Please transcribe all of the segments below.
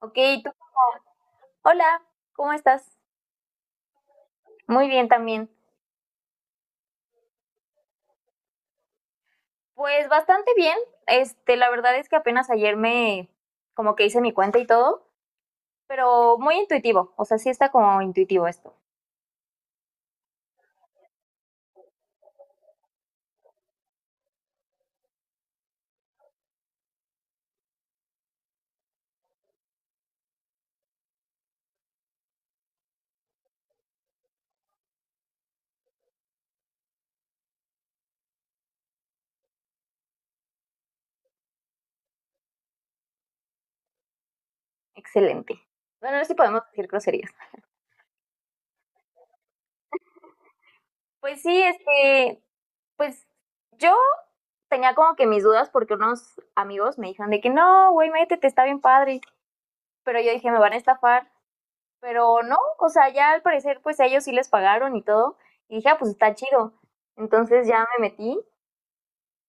Ok, ¿tú? Hola, ¿cómo estás? Muy bien también. Pues bastante bien. La verdad es que apenas ayer me como que hice mi cuenta y todo, pero muy intuitivo. O sea, sí está como intuitivo esto. Excelente. Bueno, no sé si podemos decir groserías. Pues sí, pues yo tenía como que mis dudas porque unos amigos me dijeron de que no, güey, métete, está bien padre. Pero yo dije, me van a estafar. Pero no, o sea, ya al parecer, pues a ellos sí les pagaron y todo. Y dije, ah, pues está chido. Entonces ya me metí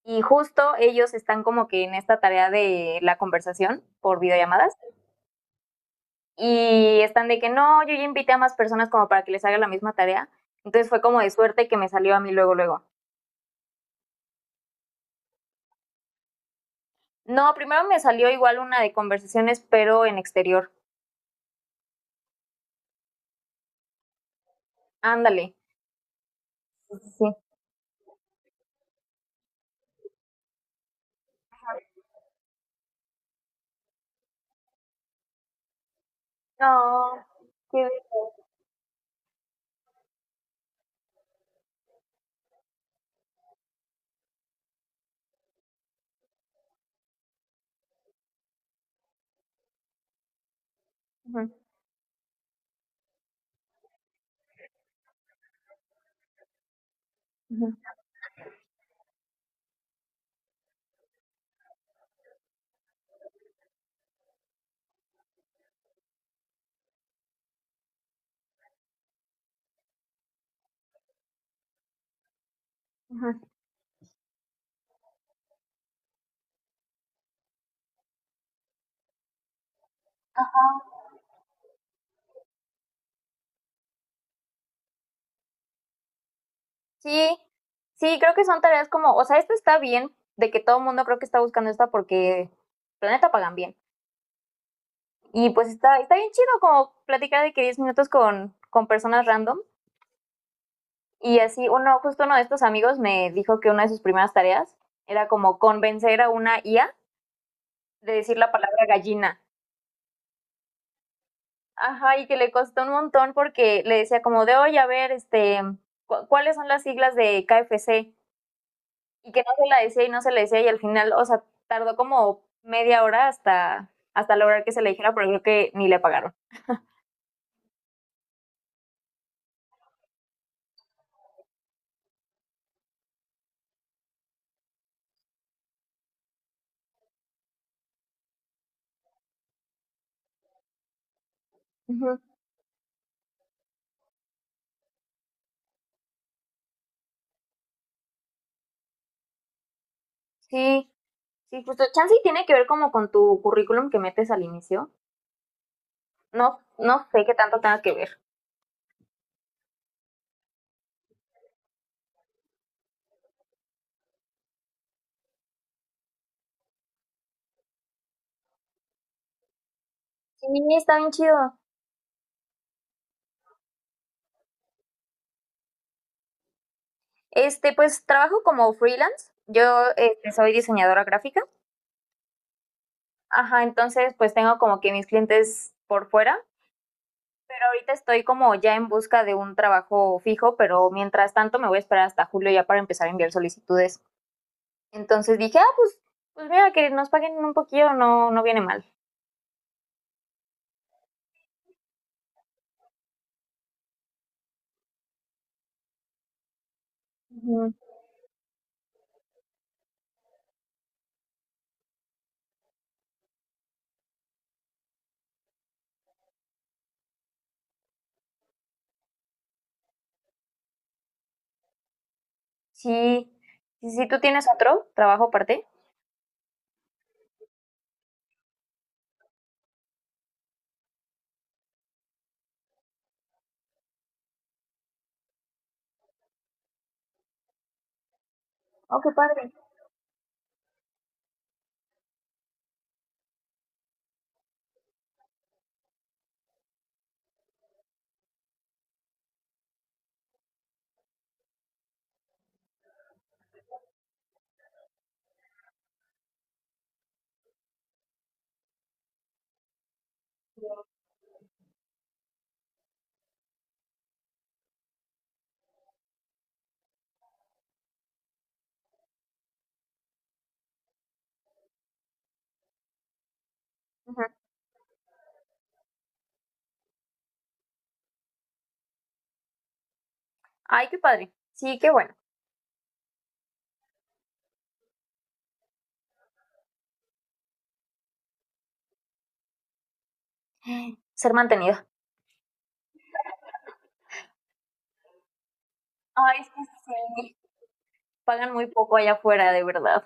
y justo ellos están como que en esta tarea de la conversación por videollamadas y están de que no, yo ya invité a más personas como para que les haga la misma tarea. Entonces fue como de suerte que me salió a mí luego, luego. No, primero me salió igual una de conversaciones, pero en exterior. Ándale. Sí. No. qué- Ujú, ujú, ujú. Sí, sí, creo que son tareas como, o sea, esta está bien, de que todo el mundo creo que está buscando esta porque planeta pagan bien. Y pues está, está bien chido como platicar de que 10 minutos con personas random. Y así, uno, justo uno de estos amigos me dijo que una de sus primeras tareas era como convencer a una IA de decir la palabra gallina. Ajá, y que le costó un montón porque le decía como de, oye, a ver, ¿cuáles son las siglas de KFC? Y que no se la decía y no se la decía y al final, o sea, tardó como media hora hasta, hasta lograr que se le dijera, pero creo que ni le pagaron. Ujú. Sí, sí, justo. Chance y tiene que ver como con tu currículum que metes al inicio. No, no sé qué tanto tenga que ver. Sí, está bien chido. Pues trabajo como freelance. Yo soy diseñadora gráfica. Ajá, entonces pues tengo como que mis clientes por fuera. Pero ahorita estoy como ya en busca de un trabajo fijo, pero mientras tanto me voy a esperar hasta julio ya para empezar a enviar solicitudes. Entonces dije, ah, pues, pues mira, que nos paguen un poquillo, no, no viene mal. Ujú. Sí, sí, sí, tú tienes otro trabajo aparte. Oh, qué padre. Ujú. Ay, qué padre. Sí, qué bueno. Ser mantenida. Ay, es que sí. Pagan muy poco allá afuera, de verdad.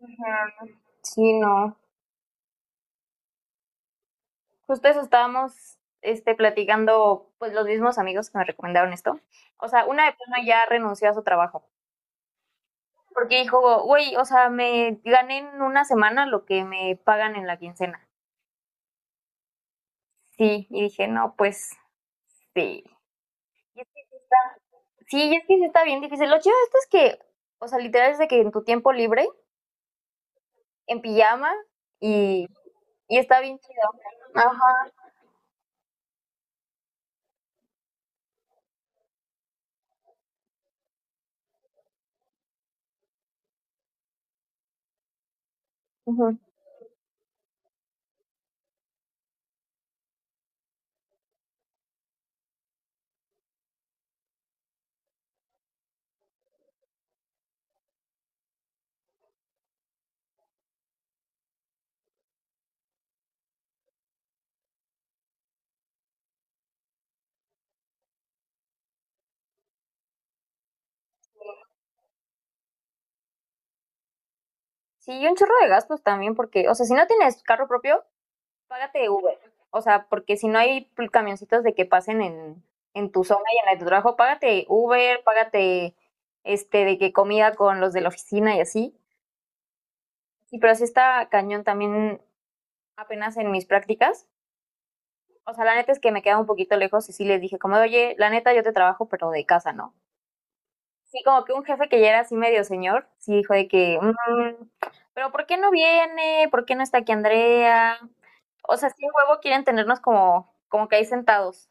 Ujú. Sí, no. Justo eso estábamos platicando, pues los mismos amigos que me recomendaron esto. O sea, una de plano ya renunció a su trabajo. Porque dijo, güey, o sea, me gané en una semana lo que me pagan en la quincena. Sí, y dije, no, pues sí. Y está, sí, y es que sí está bien difícil. Lo chido de esto es que, o sea, literal es de que en tu tiempo libre, en pijama, y, y está bien chido. Ajá. Ujú. Sí, y un chorro de gastos también, porque, o sea, si no tienes carro propio, págate Uber. O sea, porque si no hay camioncitos de que pasen en tu zona y en la de tu trabajo, págate Uber, págate de que comida con los de la oficina y así. Sí, pero sí está cañón también apenas en mis prácticas. O sea, la neta es que me queda un poquito lejos y sí les dije como, de, oye, la neta yo te trabajo, pero de casa, ¿no? Sí, como que un jefe que ya era así medio señor, sí dijo de que, "Mm, pero ¿por qué no viene? ¿Por qué no está aquí Andrea? O sea, sí, huevo quieren tenernos como, como que ahí sentados.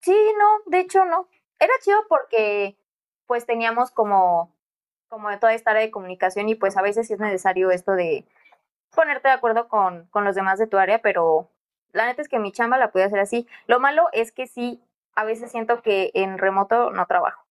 Sí, no, de hecho no. Era chido porque pues teníamos como, como de toda esta área de comunicación y pues a veces sí es necesario esto de ponerte de acuerdo con los demás de tu área, pero la neta es que mi chamba la pude hacer así. Lo malo es que sí, a veces siento que en remoto no trabajo.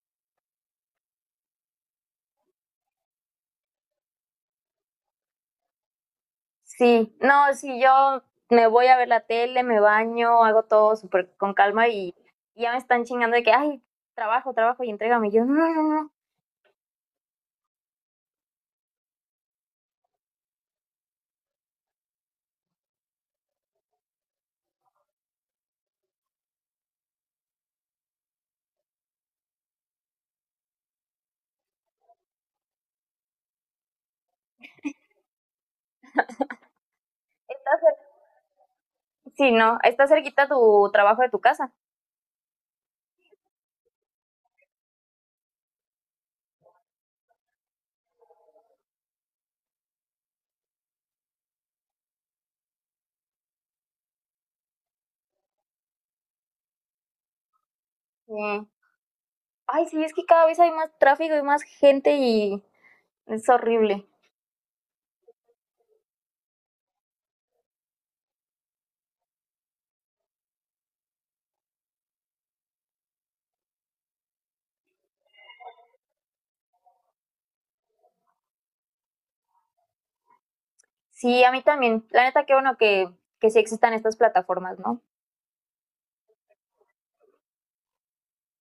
Sí, no, si yo me voy a ver la tele, me baño, hago todo súper con calma y ya me están chingando de que, ay, trabajo, trabajo y entrégame. Y yo, no, no, no, no, estás sí, no, está cerquita tu trabajo de tu casa. Sí. Ay, sí, es que cada vez hay más tráfico y más gente y es horrible. Sí, a mí también. La neta, qué bueno que sí existan estas plataformas, ¿no?